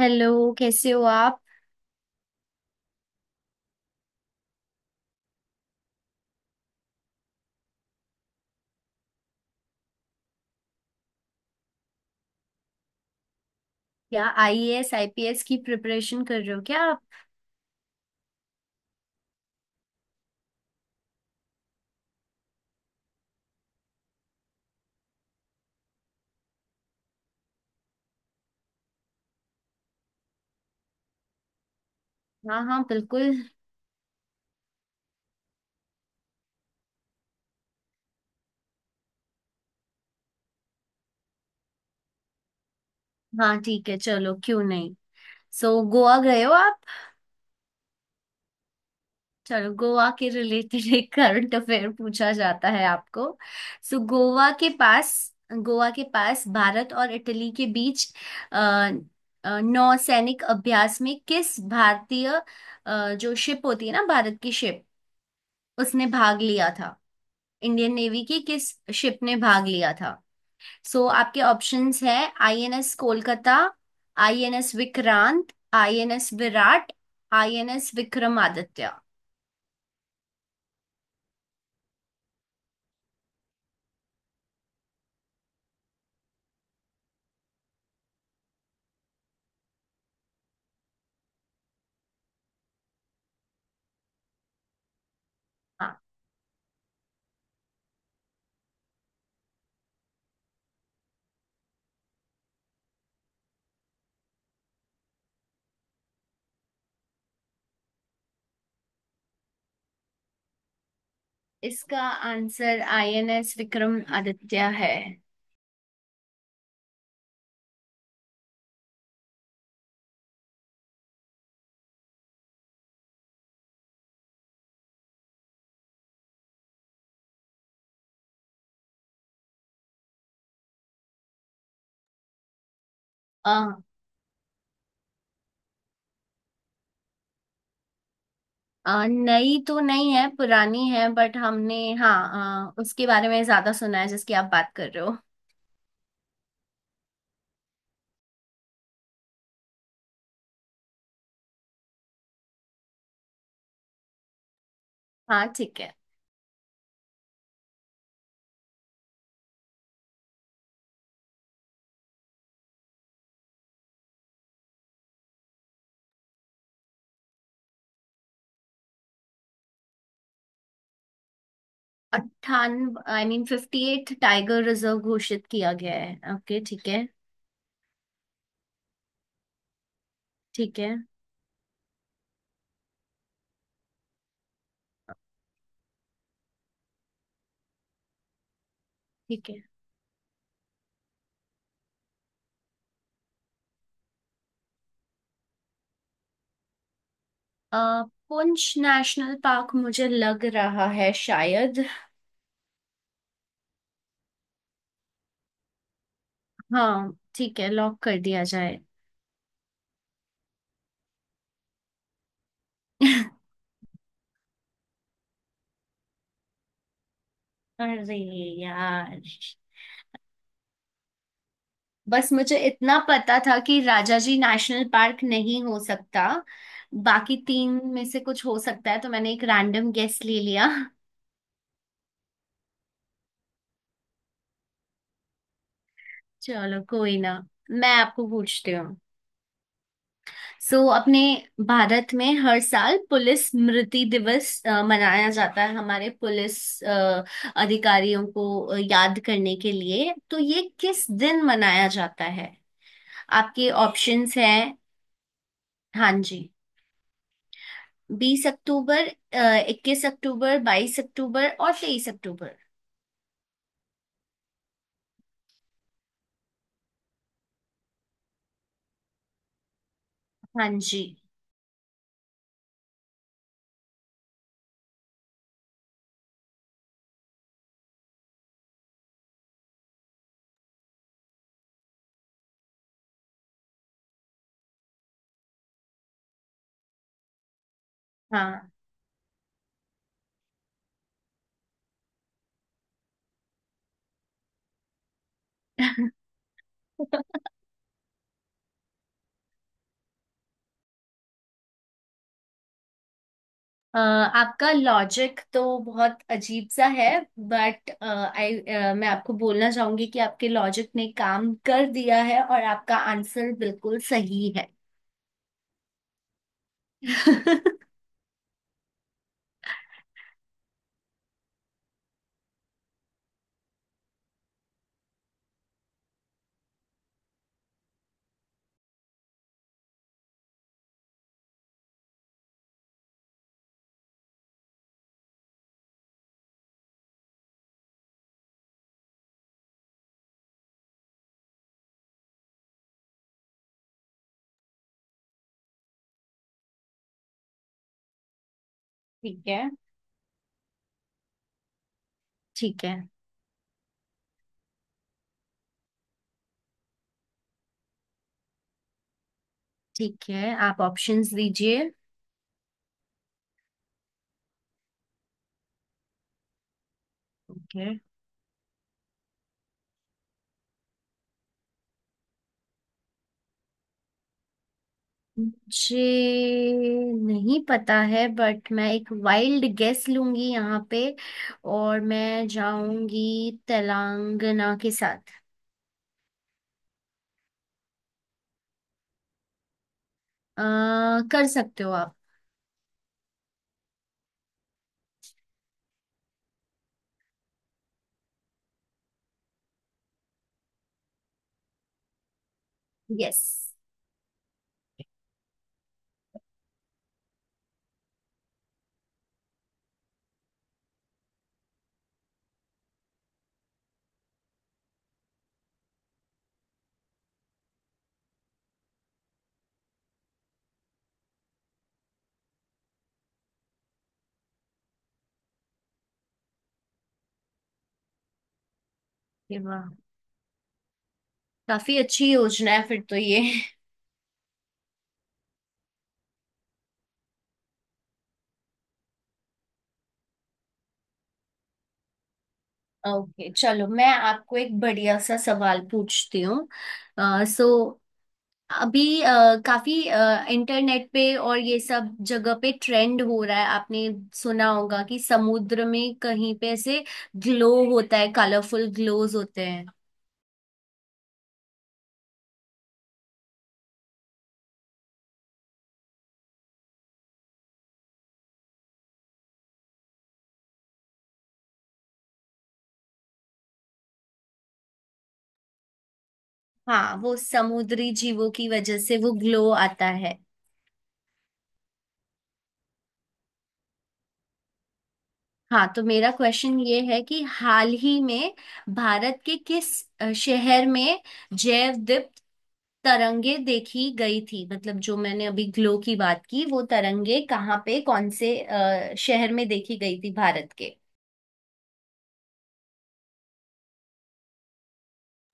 Hello. कैसे हो आप? क्या आईएएस आईपीएस की प्रिपरेशन कर रहे हो क्या आप? हाँ हाँ बिल्कुल। हाँ ठीक है, चलो क्यों नहीं। सो गोवा गए हो आप? चलो गोवा के रिलेटेड एक करंट अफेयर पूछा जाता है आपको। सो गोवा के पास, गोवा के पास भारत और इटली के बीच अ, नौसैनिक अभ्यास में किस भारतीय, जो शिप होती है ना भारत की शिप, उसने भाग लिया था। इंडियन नेवी की किस शिप ने भाग लिया था? सो आपके ऑप्शंस है INS Kolkata, INS Vikrant, INS Virat, INS Vikramaditya. हाँ इसका आंसर आईएनएस विक्रमादित्य है। आ, आ, नई तो नहीं है, पुरानी है, बट हमने, हाँ, उसके बारे में ज्यादा सुना है जिसकी आप बात कर रहे हो। हाँ ठीक है। 98 आई मीन 58 टाइगर रिजर्व घोषित किया गया है, ओके ठीक है। ठीक है। ठीक है, अ, पुंछ नेशनल पार्क मुझे लग रहा है शायद। हाँ ठीक है, लॉक कर दिया जाए। अरे यार, बस मुझे इतना पता था कि राजाजी नेशनल पार्क नहीं हो सकता, बाकी तीन में से कुछ हो सकता है तो मैंने एक रैंडम गेस ले लिया। चलो कोई ना, मैं आपको पूछती हूँ। अपने भारत में हर साल पुलिस स्मृति दिवस मनाया जाता है, हमारे पुलिस अ, अधिकारियों को याद करने के लिए। तो ये किस दिन मनाया जाता है? आपके ऑप्शंस हैं, हाँ जी, 20 अक्टूबर, 21 अक्टूबर, 22 अक्टूबर और 23 अक्टूबर। हाँ जी। हाँ। आपका लॉजिक तो बहुत अजीब सा है, बट आई मैं आपको बोलना चाहूंगी कि आपके लॉजिक ने काम कर दिया है और आपका आंसर बिल्कुल सही है। ठीक है। ठीक है। ठीक है, आप ऑप्शंस दीजिए। ओके। मुझे नहीं पता है बट मैं एक वाइल्ड गेस लूंगी यहाँ पे, और मैं जाऊंगी तेलंगाना के साथ। अ, कर सकते हो आप। यस। वाह, काफी अच्छी योजना है फिर तो ये। ओके चलो मैं आपको एक बढ़िया सा सवाल पूछती हूँ। सो अभी काफी इंटरनेट पे और ये सब जगह पे ट्रेंड हो रहा है, आपने सुना होगा कि समुद्र में कहीं पे ऐसे ग्लो होता है, कलरफुल ग्लोज होते हैं। हाँ, वो समुद्री जीवों की वजह से वो ग्लो आता है। हाँ तो मेरा क्वेश्चन ये है कि हाल ही में भारत के किस शहर में जैव तरंगे देखी गई थी? मतलब जो मैंने अभी ग्लो की बात की, वो तरंगे कहाँ पे, कौन से शहर में देखी गई थी भारत के?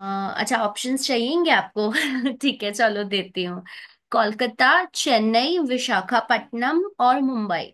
अ, अच्छा ऑप्शंस चाहिएंगे आपको? ठीक है चलो देती हूँ। कोलकाता, चेन्नई, विशाखापट्टनम और मुंबई।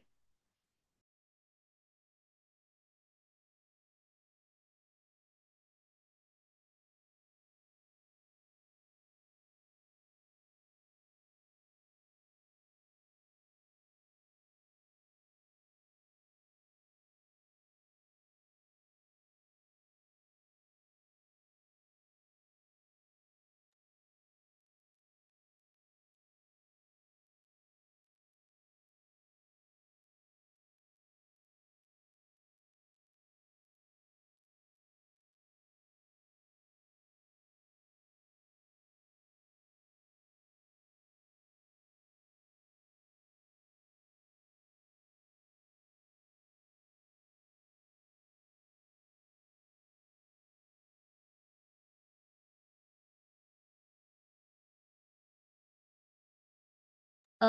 अ,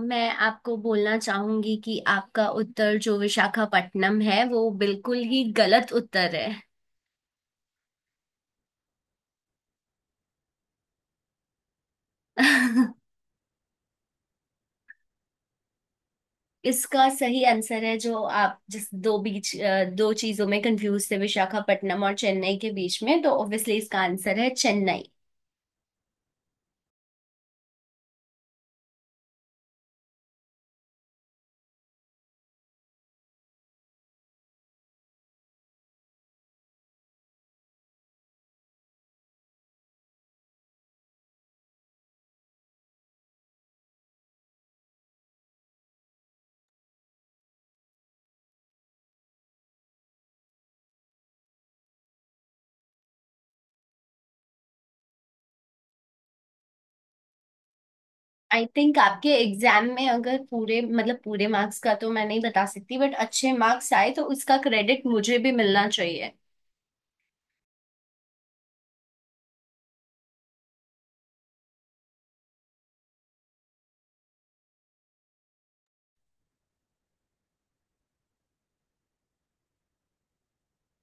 मैं आपको बोलना चाहूंगी कि आपका उत्तर जो विशाखापट्टनम है, वो बिल्कुल ही गलत उत्तर है। इसका सही आंसर है, जो आप जिस दो बीच दो चीजों में कंफ्यूज थे, विशाखापट्टनम और चेन्नई के बीच में, तो ऑब्वियसली इसका आंसर है चेन्नई। आई थिंक आपके एग्जाम में अगर पूरे मतलब पूरे मार्क्स का तो मैं नहीं बता सकती, बट अच्छे मार्क्स आए तो उसका क्रेडिट मुझे भी मिलना चाहिए।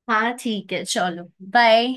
हाँ ठीक है चलो बाय।